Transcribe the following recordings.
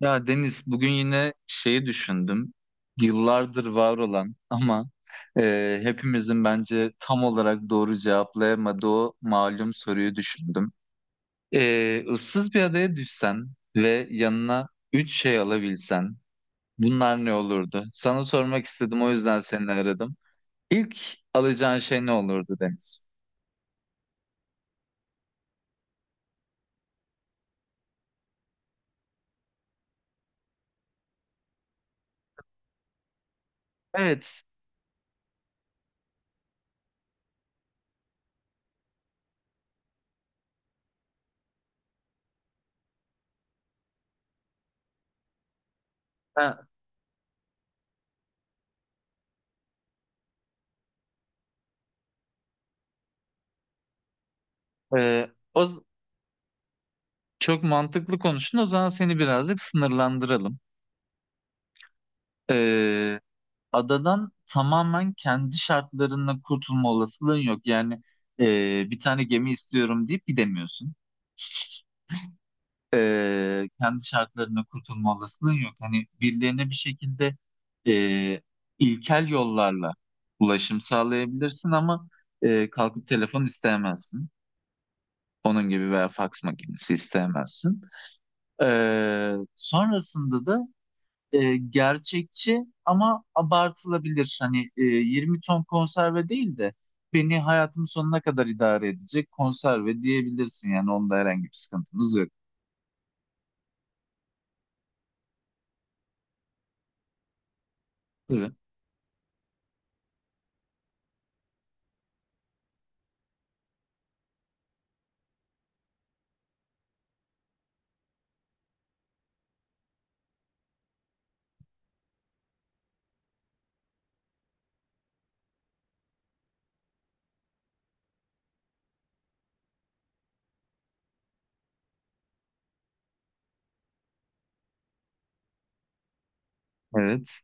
Ya Deniz, bugün yine şeyi düşündüm. Yıllardır var olan ama hepimizin bence tam olarak doğru cevaplayamadığı o malum soruyu düşündüm. Issız bir adaya düşsen ve yanına üç şey alabilsen bunlar ne olurdu? Sana sormak istedim, o yüzden seni aradım. İlk alacağın şey ne olurdu Deniz? Evet. Ha, e, o, Çok mantıklı konuştun. O zaman seni birazcık sınırlandıralım. Adadan tamamen kendi şartlarında kurtulma olasılığın yok. Yani bir tane gemi istiyorum deyip gidemiyorsun. Kendi şartlarında kurtulma olasılığın yok. Hani birilerine bir şekilde e, ilkel yollarla ulaşım sağlayabilirsin ama kalkıp telefon isteyemezsin. Onun gibi veya faks makinesi isteyemezsin. E, sonrasında da gerçekçi ama abartılabilir. Hani 20 ton konserve değil de beni hayatım sonuna kadar idare edecek konserve diyebilirsin. Yani onda herhangi bir sıkıntımız yok. Tabii. Evet.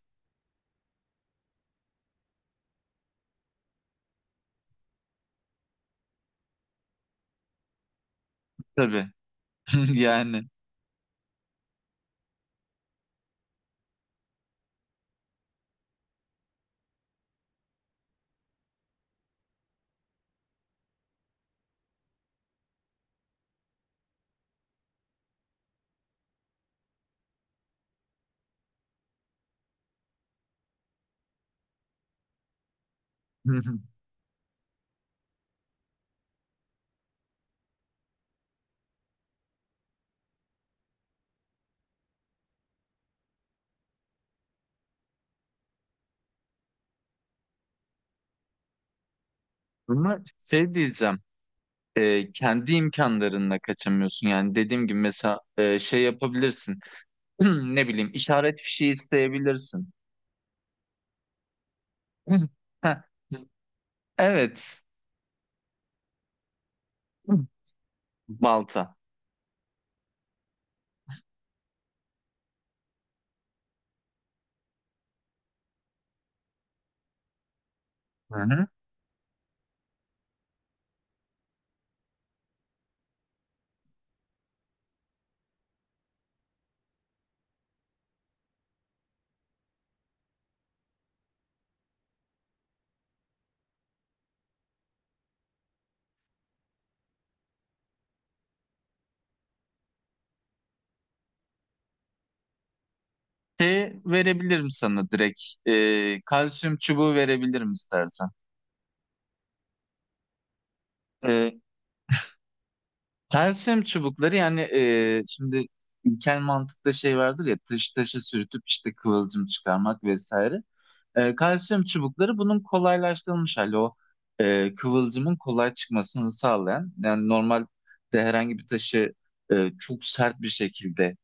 Tabii. Yani. Ama şey diyeceğim. Kendi imkanlarınla kaçamıyorsun. Yani dediğim gibi, mesela şey yapabilirsin. Ne bileyim, işaret fişi isteyebilirsin. Heh, evet. Balta. Hı hı. Şey verebilirim sana direkt. Kalsiyum çubuğu verebilirim istersen. Ee, kalsiyum çubukları yani, şimdi ilkel mantıkta şey vardır ya, taş taşı sürtüp işte kıvılcım çıkarmak vesaire. Kalsiyum çubukları bunun kolaylaştırılmış hali, o kıvılcımın kolay çıkmasını sağlayan. Yani normalde herhangi bir taşı çok sert bir şekilde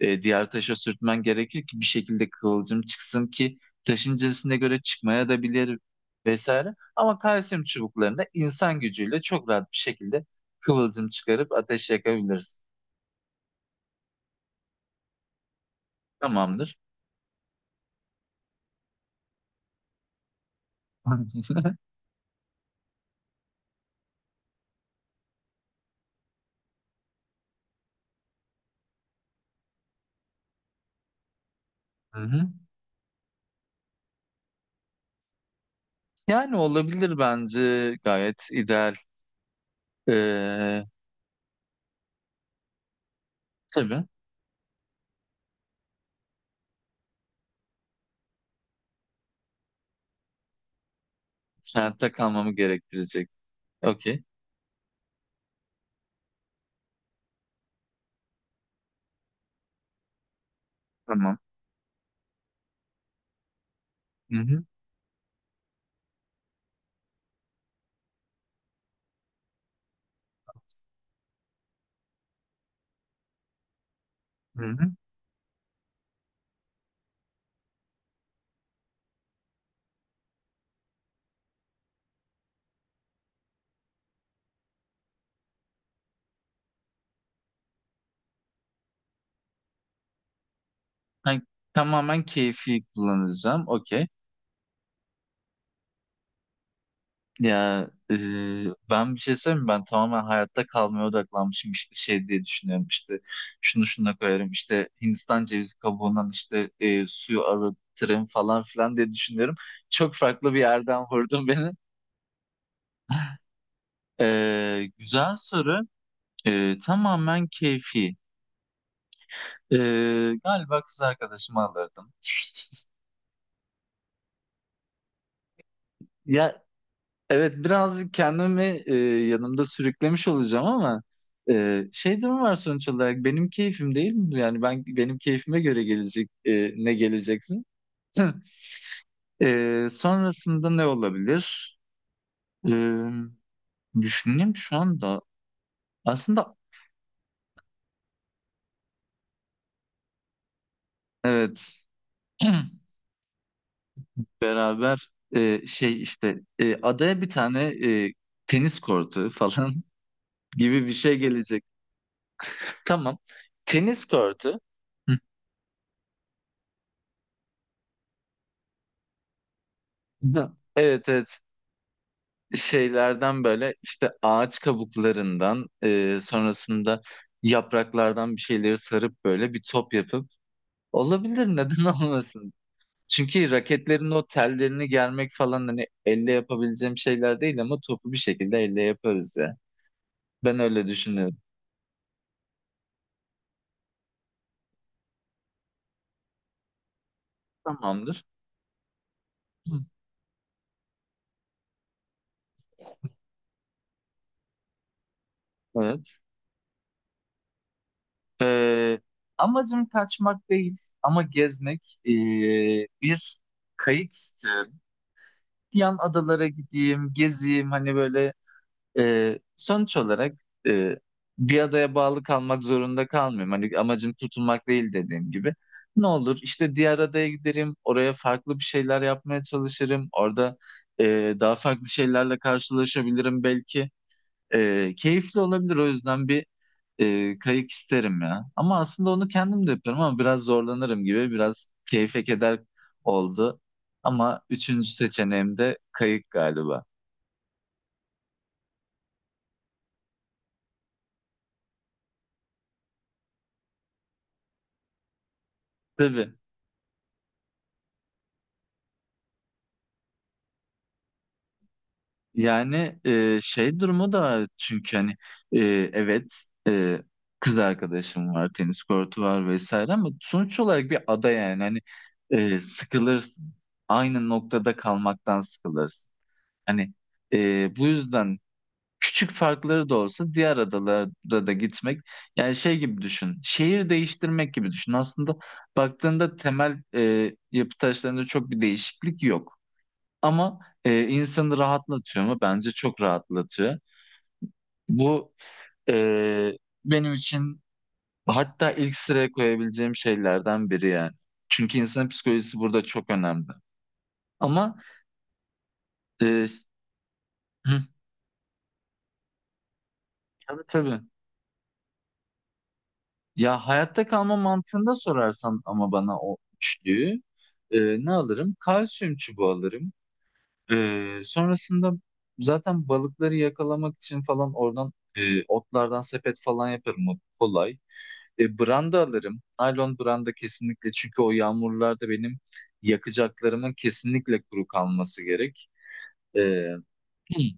diğer taşa sürtmen gerekir ki bir şekilde kıvılcım çıksın, ki taşın cinsine göre çıkmaya da bilir vesaire. Ama kalsiyum çubuklarında insan gücüyle çok rahat bir şekilde kıvılcım çıkarıp ateş yakabiliriz. Tamamdır. Hı hı. Yani olabilir, bence gayet ideal. Ee, tabii, hayatta kalmamı gerektirecek. Okey. Tamam. Hı hı. Hı hı. Ben tamamen keyfi kullanacağım. Okey. Ya ben bir şey söyleyeyim mi? Ben tamamen hayatta kalmaya odaklanmışım, işte şey diye düşünüyorum, işte şunu şuna koyarım, işte Hindistan cevizi kabuğundan işte suyu arıtırım falan filan diye düşünüyorum. Çok farklı bir yerden vurdun beni. Güzel soru. Tamamen keyfi. E, Galiba kız arkadaşımı alırdım. Ya evet, birazcık kendimi yanımda sürüklemiş olacağım ama şey durum var, sonuç olarak benim keyfim değil mi? Yani ben, benim keyfime göre gelecek. Ne geleceksin? Sonrasında ne olabilir? E, Düşüneyim şu anda. Aslında evet, beraber adaya bir tane e, tenis kortu falan gibi bir şey gelecek. Tamam. Tenis kortu. Hı. Evet, evet, şeylerden böyle, işte ağaç kabuklarından sonrasında yapraklardan bir şeyleri sarıp böyle bir top yapıp olabilir, neden olmasın? Çünkü raketlerin o tellerini germek falan hani elle yapabileceğim şeyler değil, ama topu bir şekilde elle yaparız ya. Ben öyle düşünüyorum. Tamamdır. Hı. Evet. Ee, Amacım kaçmak değil ama gezmek. Bir kayık istiyorum. Yan adalara gideyim, gezeyim hani böyle. Sonuç olarak e, bir adaya bağlı kalmak zorunda kalmıyorum. Hani amacım tutunmak değil, dediğim gibi. Ne olur işte, diğer adaya giderim, oraya farklı bir şeyler yapmaya çalışırım. Orada daha farklı şeylerle karşılaşabilirim belki. Keyifli olabilir, o yüzden bir kayık isterim ya. Ama aslında onu kendim de yapıyorum, ama biraz zorlanırım gibi. Biraz keyfe keder oldu. Ama üçüncü seçeneğim de kayık galiba. Tabii. Yani şey durumu da, çünkü hani e, evet, e, kız arkadaşım var, tenis kortu var vesaire, ama sonuç olarak bir ada. Yani hani sıkılırsın. Aynı noktada kalmaktan sıkılırsın. Hani bu yüzden küçük farkları da olsa diğer adalara da gitmek, yani şey gibi düşün. Şehir değiştirmek gibi düşün. Aslında baktığında temel yapı taşlarında çok bir değişiklik yok. Ama insanı rahatlatıyor mu? Bence çok rahatlatıyor. Bu e, benim için hatta ilk sıraya koyabileceğim şeylerden biri yani. Çünkü insanın psikolojisi burada çok önemli. Ama e, hı, tabii tabii. Ya hayatta kalma mantığında sorarsan ama bana, o üçlüyü e, ne alırım? Kalsiyum çubuğu alırım. Sonrasında zaten balıkları yakalamak için falan oradan otlardan sepet falan yaparım. O kolay. Branda alırım. Naylon branda, kesinlikle, çünkü o yağmurlarda benim yakacaklarımın kesinlikle kuru kalması gerek. E,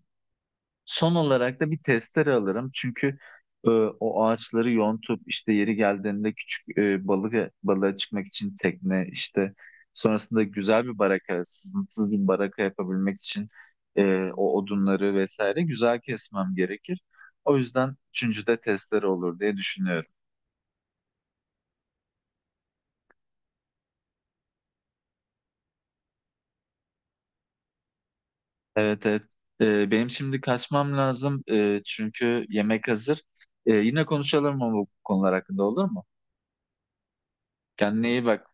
Son olarak da bir testere alırım, çünkü o ağaçları yontup, işte yeri geldiğinde küçük e, balık balığa çıkmak için tekne, işte sonrasında güzel bir baraka, sızıntısız bir baraka yapabilmek için e, o odunları vesaire güzel kesmem gerekir. O yüzden üçüncü de testere olur diye düşünüyorum. Evet, evet. Benim şimdi kaçmam lazım. Çünkü yemek hazır. Yine konuşalım mı bu konular hakkında, olur mu? Kendine iyi bak.